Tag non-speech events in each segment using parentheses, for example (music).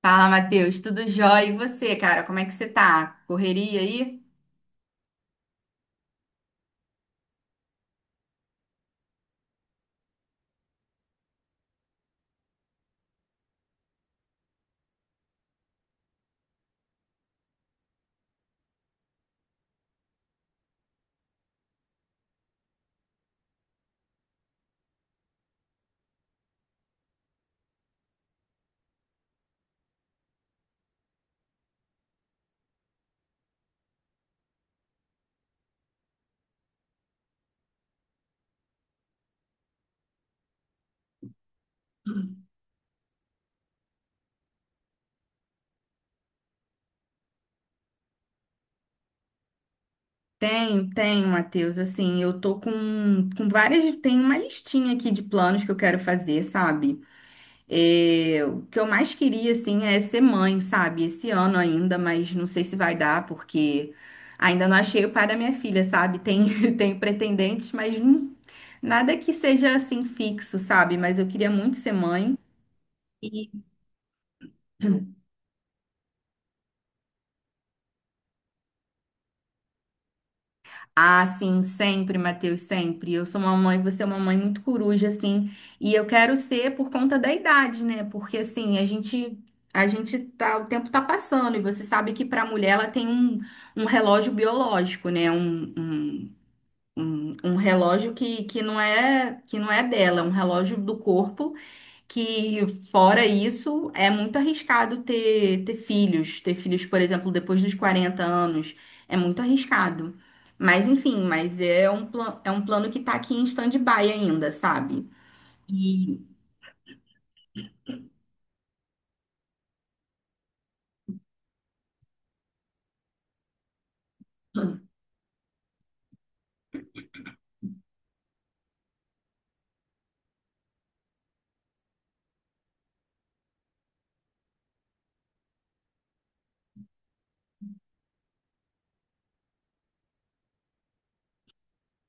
Fala, Matheus, tudo jóia? E você, cara, como é que você tá? Correria aí? Tenho, tenho, Matheus. Assim, eu tô com várias. Tem uma listinha aqui de planos que eu quero fazer, sabe? O que eu mais queria, assim, é ser mãe, sabe? Esse ano ainda, mas não sei se vai dar, porque ainda não achei o pai da minha filha, sabe? Tem, (laughs) tem pretendentes, nada que seja, assim, fixo, sabe? Mas eu queria muito ser mãe. Ah, sim, sempre, Matheus, sempre. Eu sou uma mãe, você é uma mãe muito coruja, assim, e eu quero ser por conta da idade, né? Porque assim, a gente tá, o tempo tá passando, e você sabe que para a mulher ela tem um, um relógio biológico, né? Um relógio que não é dela, é um relógio do corpo que fora isso, é muito arriscado ter filhos. Ter filhos, por exemplo, depois dos 40 anos, é muito arriscado. Mas enfim, mas é é um plano que tá aqui em stand-by ainda, sabe? E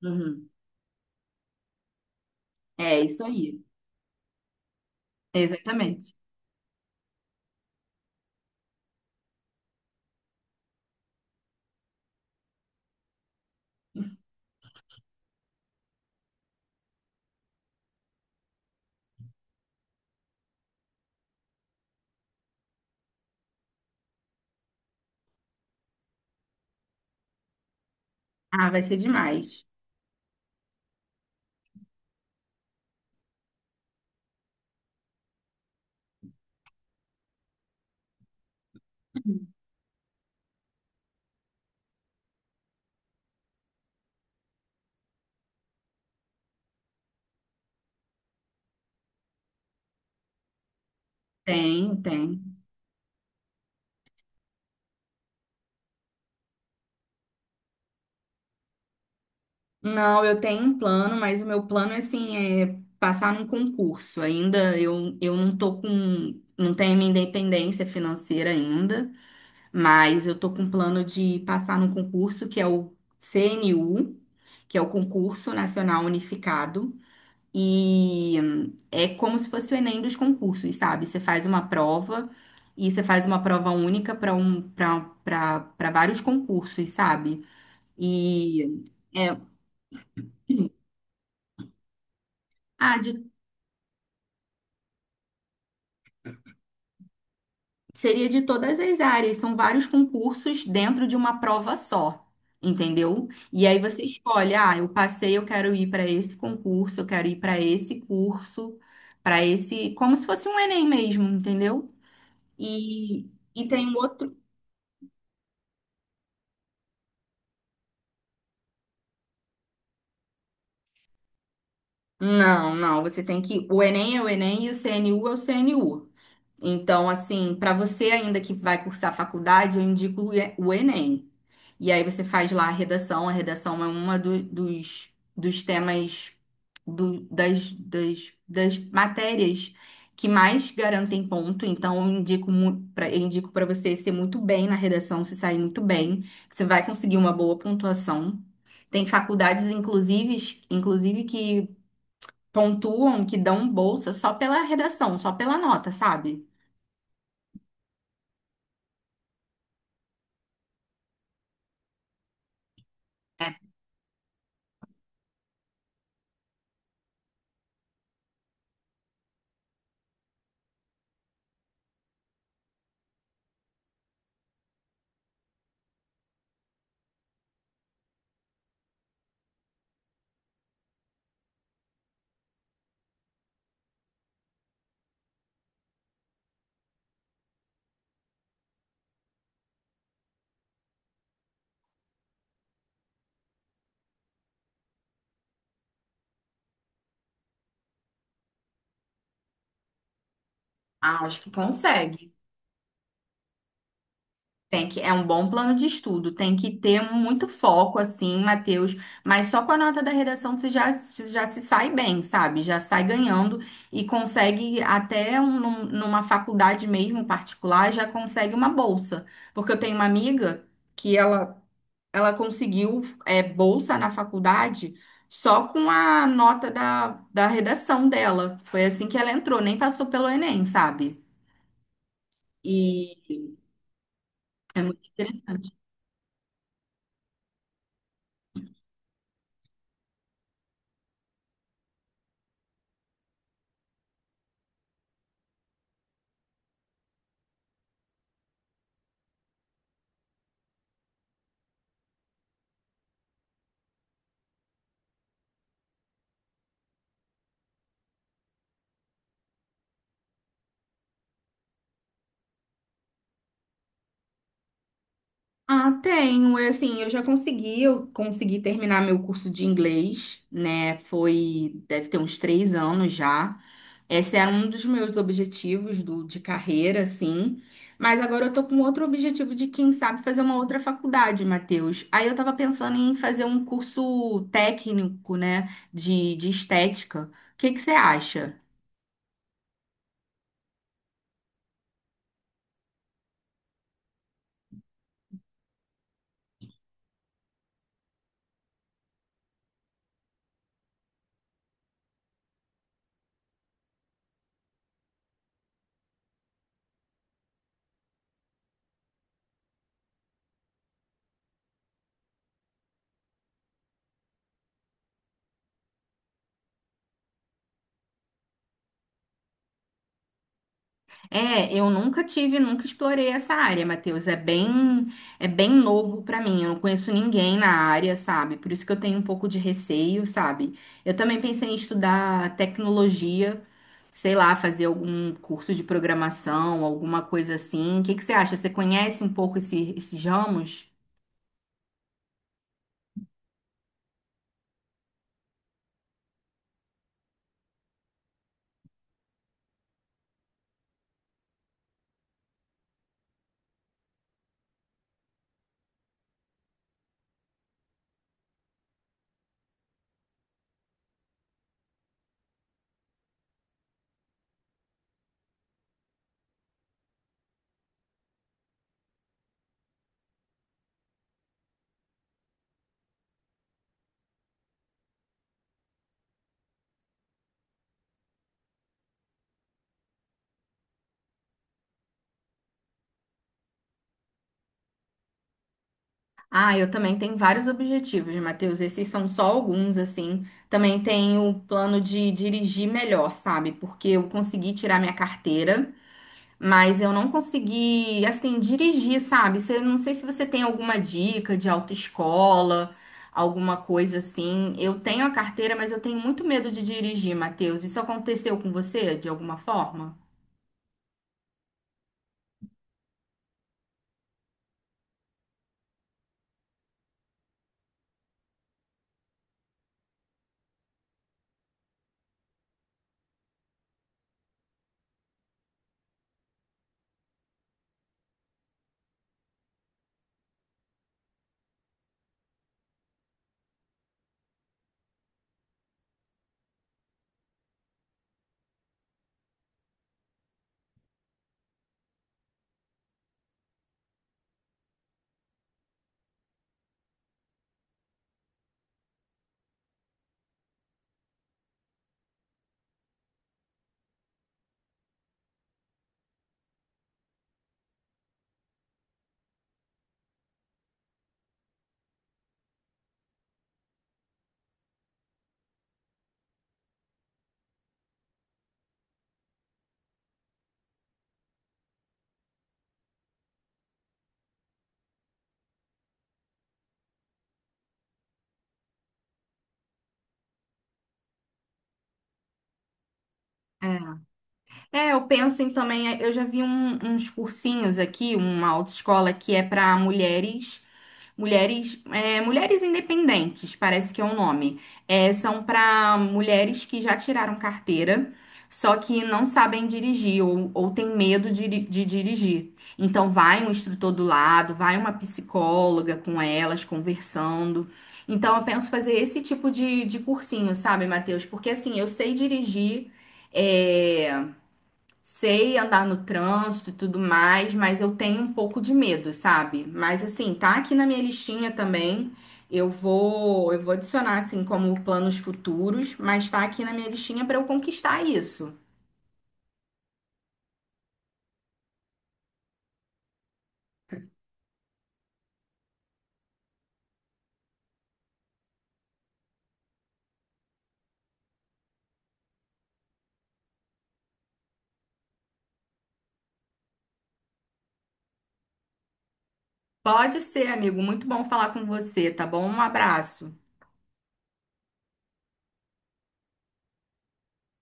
uhum. É isso aí. Exatamente. Ah, vai ser demais. Tem, Não, eu tenho um plano, mas o meu plano, assim, é passar num concurso. Ainda eu não tô com, não tenho minha independência financeira ainda. Mas eu tô com um plano de passar num concurso que é o CNU, que é o Concurso Nacional Unificado. E é como se fosse o Enem dos concursos, sabe? Você faz uma prova e você faz uma prova única para um, para vários concursos, sabe? E é, ah, de. Seria de todas as áreas, são vários concursos dentro de uma prova só, entendeu? E aí você escolhe, ah, eu passei, eu quero ir para esse concurso, eu quero ir para esse curso, para esse, como se fosse um Enem mesmo, entendeu? E, e tem um outro. Não, não, você tem que. O Enem é o Enem e o CNU é o CNU. Então, assim, para você ainda que vai cursar faculdade, eu indico o E- o Enem. E aí você faz lá a redação. A redação é dos, dos temas das, das matérias que mais garantem ponto. Então, eu indico para indico para você ser muito bem na redação, se sair muito bem, que você vai conseguir uma boa pontuação. Tem faculdades, inclusive que pontuam, que dão bolsa só pela redação, só pela nota, sabe? Ah, acho que consegue. Tem que, é um bom plano de estudo. Tem que ter muito foco, assim, Matheus. Mas só com a nota da redação você já se sai bem, sabe? Já sai ganhando e consegue até numa faculdade mesmo particular, já consegue uma bolsa. Porque eu tenho uma amiga que ela, ela conseguiu bolsa na faculdade só com a nota da redação dela. Foi assim que ela entrou, nem passou pelo Enem, sabe? E é muito interessante. Ah, tenho. Assim, eu consegui terminar meu curso de inglês, né? Foi, deve ter uns 3 anos já. Esse era um dos meus objetivos do, de carreira, assim. Mas agora eu tô com outro objetivo de, quem sabe, fazer uma outra faculdade, Matheus. Aí eu tava pensando em fazer um curso técnico, né? De estética. O que que você acha? É, eu nunca tive, nunca explorei essa área, Matheus. É bem novo pra mim. Eu não conheço ninguém na área, sabe? Por isso que eu tenho um pouco de receio, sabe? Eu também pensei em estudar tecnologia, sei lá, fazer algum curso de programação, alguma coisa assim. O que que você acha? Você conhece um pouco esses ramos? Ah, eu também tenho vários objetivos, Matheus. Esses são só alguns, assim. Também tenho o plano de dirigir melhor, sabe? Porque eu consegui tirar minha carteira. Mas eu não consegui, assim, dirigir, sabe? Você, não sei se você tem alguma dica de autoescola, alguma coisa assim. Eu tenho a carteira, mas eu tenho muito medo de dirigir, Matheus. Isso aconteceu com você de alguma forma? É, eu penso em também, é, eu já vi um- uns cursinhos aqui, uma autoescola que é para mulheres, mulheres independentes, parece que é o nome. É, são para mulheres que já tiraram carteira, só que não sabem dirigir ou têm medo de, de dirigir. Então vai um instrutor do lado, vai uma psicóloga com elas conversando. Então eu penso fazer esse tipo de cursinho, sabe, Matheus? Porque assim, eu sei dirigir. É... Sei andar no trânsito e tudo mais, mas eu tenho um pouco de medo, sabe? Mas assim, tá aqui na minha listinha também. Eu vou adicionar assim como planos futuros, mas tá aqui na minha listinha para eu conquistar isso. Pode ser, amigo. Muito bom falar com você, tá bom? Um abraço.